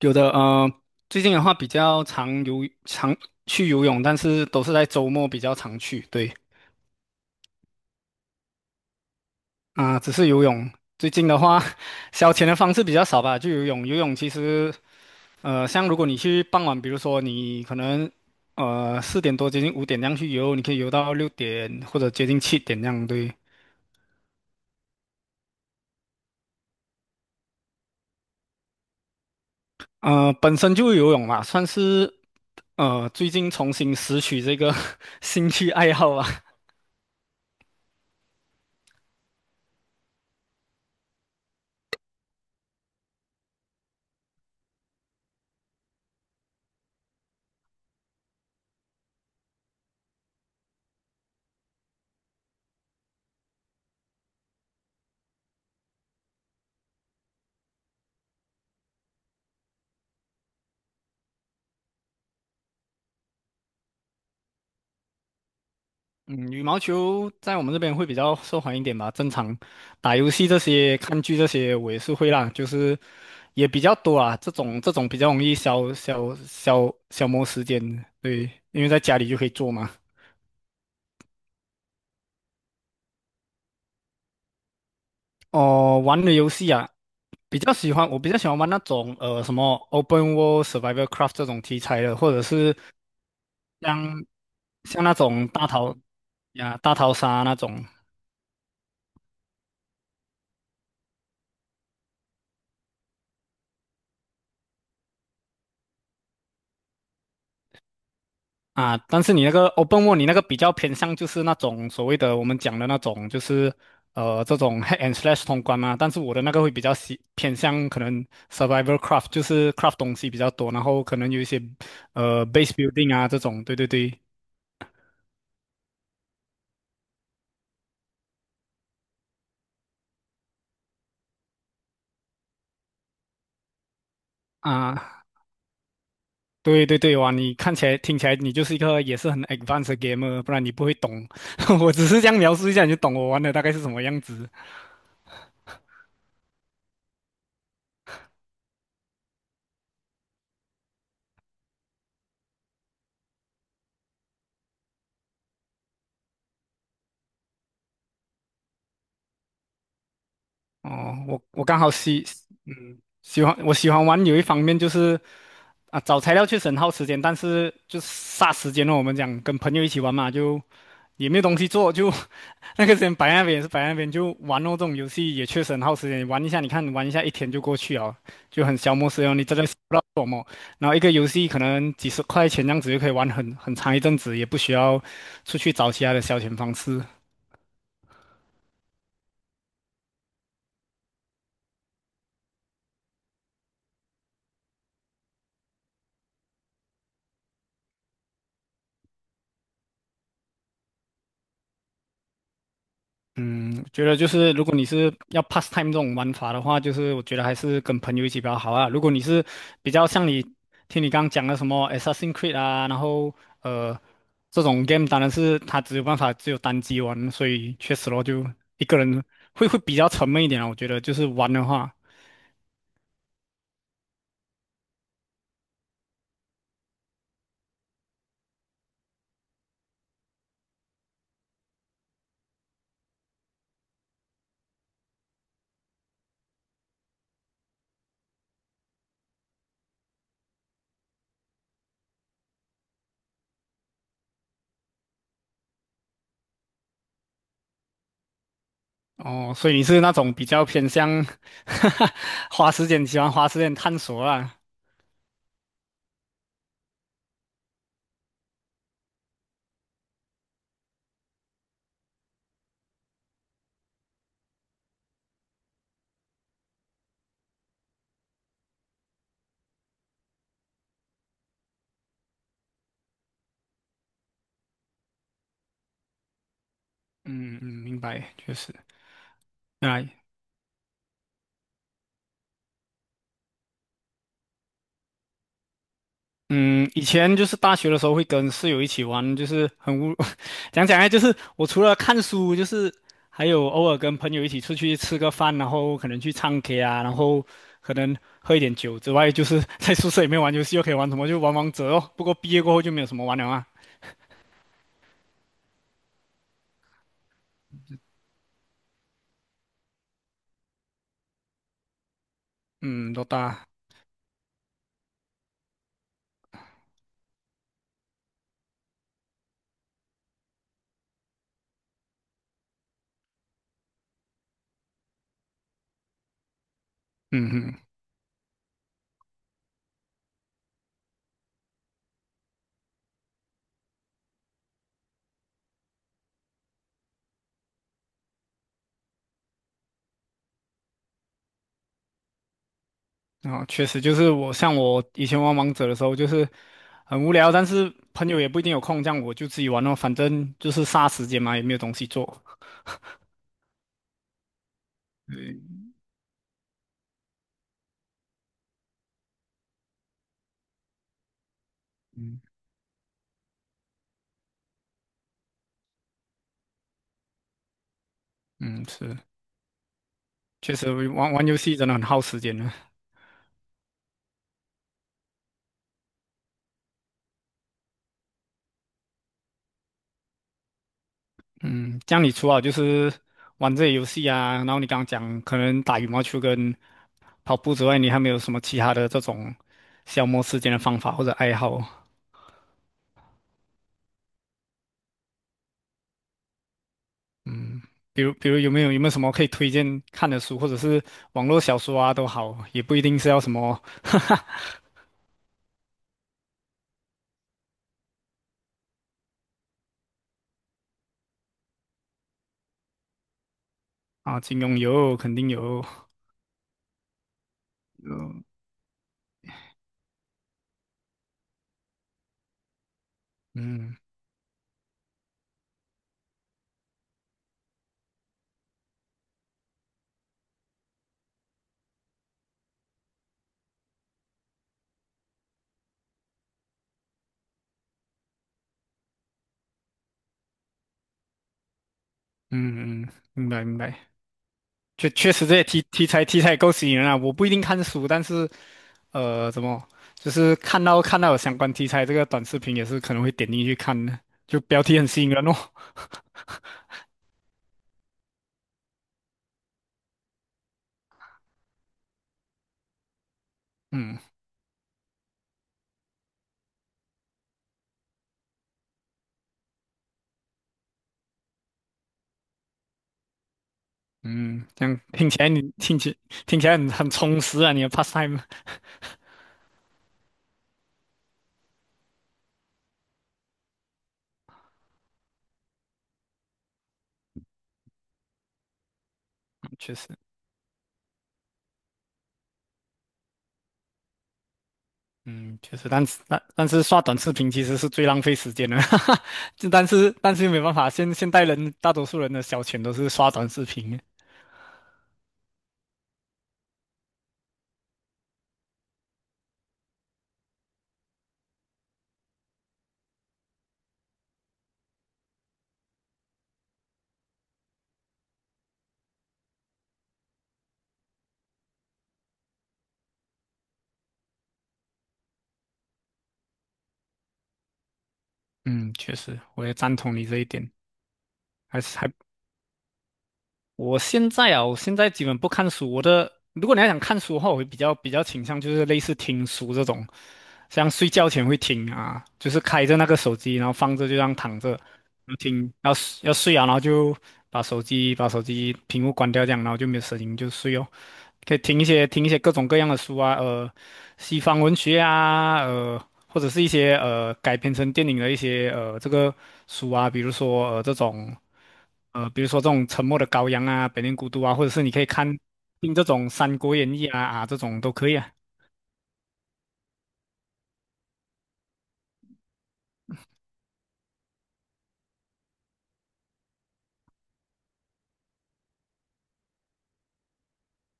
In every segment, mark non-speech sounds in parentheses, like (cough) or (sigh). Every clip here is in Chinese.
有的，最近的话比较常去游泳，但是都是在周末比较常去。对，啊、只是游泳。最近的话，(laughs) 消遣的方式比较少吧，就游泳。游泳其实，像如果你去傍晚，比如说你可能，4点多接近5点那样去游，你可以游到6点或者接近7点那样。对，本身就游泳嘛，算是最近重新拾取这个 (laughs) 兴趣爱好吧。嗯，羽毛球在我们这边会比较受欢迎一点吧。正常打游戏这些、看剧这些，我也是会啦，就是也比较多啊。这种比较容易消磨时间，对，因为在家里就可以做嘛。哦，玩的游戏啊，比较喜欢，我比较喜欢玩那种什么 Open World Survival Craft 这种题材的，或者是像像那种大逃杀那种。啊，但是你那个 open world，你那个比较偏向就是那种所谓的我们讲的那种，就是这种 hack and slash 通关嘛。但是我的那个会比较喜偏向可能 survival craft，就是 craft 东西比较多，然后可能有一些base building 啊这种。对对对，啊，对对对，哇，你看起来听起来你就是一个也是很 advanced 的 gamer，不然你不会懂。(laughs) 我只是这样描述一下，你就懂我玩的大概是什么样子。哦，我我刚好喜，嗯，喜欢我喜欢玩有一方面就是。啊，找材料确实很耗时间，但是就是霎时间哦，我们讲跟朋友一起玩嘛，就也没有东西做，就 (laughs) 那个时间摆在那边也是摆在那边，就玩哦。这种游戏也确实很耗时间，玩一下，你看玩一下一天就过去哦，就很消磨时间哦，你真的是不知道做什么。然后一个游戏可能几十块钱这样子就可以玩很长一阵子，也不需要出去找其他的消遣方式。嗯，觉得就是如果你是要 pastime 这种玩法的话，就是我觉得还是跟朋友一起比较好啊。如果你是比较像你听你刚刚讲的什么 Assassin's Creed 啊，然后呃这种 game，当然是它只有办法只有单机玩，所以确实咯，就一个人会比较沉闷一点啊。我觉得就是玩的话，哦，所以你是那种比较偏向 (laughs) 花时间喜欢花时间探索啦。嗯嗯，明白，确实，啊。嗯，以前就是大学的时候会跟室友一起玩，就是很无，(laughs) 讲讲啊，就是我除了看书，就是还有偶尔跟朋友一起出去吃个饭，然后可能去唱 K 啊，然后可能喝一点酒之外，就是在宿舍里面玩游戏，又可以玩什么，就玩王者哦。不过毕业过后就没有什么玩了啊。嗯，多大？嗯哼，然后确实就是像我以前玩王者的时候，就是很无聊，但是朋友也不一定有空，这样我就自己玩哦，反正就是杀时间嘛，也没有东西做。对嗯，是，确实玩玩游戏真的很耗时间的。嗯，这样你除了就是玩这些游戏啊，然后你刚刚讲可能打羽毛球跟跑步之外，你还没有什么其他的这种消磨时间的方法或者爱好？嗯，比如有没有什么可以推荐看的书，或者是网络小说啊都好，也不一定是要什么 (laughs) 啊，金庸有，肯定有，嗯嗯嗯嗯，明白明白。确实这些题材够吸引人啊！我不一定看书，但是怎么就是看到有相关题材这个短视频，也是可能会点进去看的，就标题很吸引人哦。嗯嗯，这样听起来你听起来很充实啊，你的 pastime。(laughs) 确实，嗯，确实，但是刷短视频其实是最浪费时间的，(laughs) 哈哈。就但是又没办法，现代人大多数人的消遣都是刷短视频。嗯，确实，我也赞同你这一点，还是还我现在啊，我现在基本不看书。我的，如果你要想看书的话，我会比较倾向就是类似听书这种，像睡觉前会听啊，就是开着那个手机，然后放着就这样躺着，然后听，要睡要睡啊，然后就把手机屏幕关掉这样，然后就没有声音就睡哦。可以听一些各种各样的书啊。西方文学啊，或者是一些改编成电影的一些这个书啊，比如说这种《沉默的羔羊》啊，《百年孤独》啊，或者是你可以听这种《三国演义》啊这种都可以啊。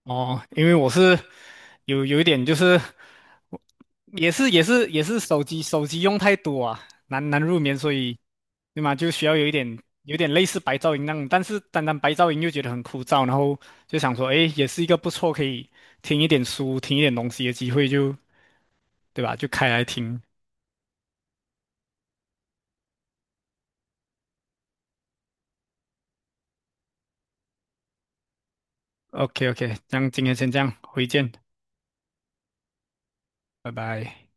哦，因为我是有一点就是也是手机用太多啊，难入眠，所以对吗？就需要有点类似白噪音那种，但是单单白噪音又觉得很枯燥，然后就想说，诶，也是一个不错可以听一点书、听一点东西的机会就，对吧？就开来听。OK OK，这样今天先这样，回见，拜拜。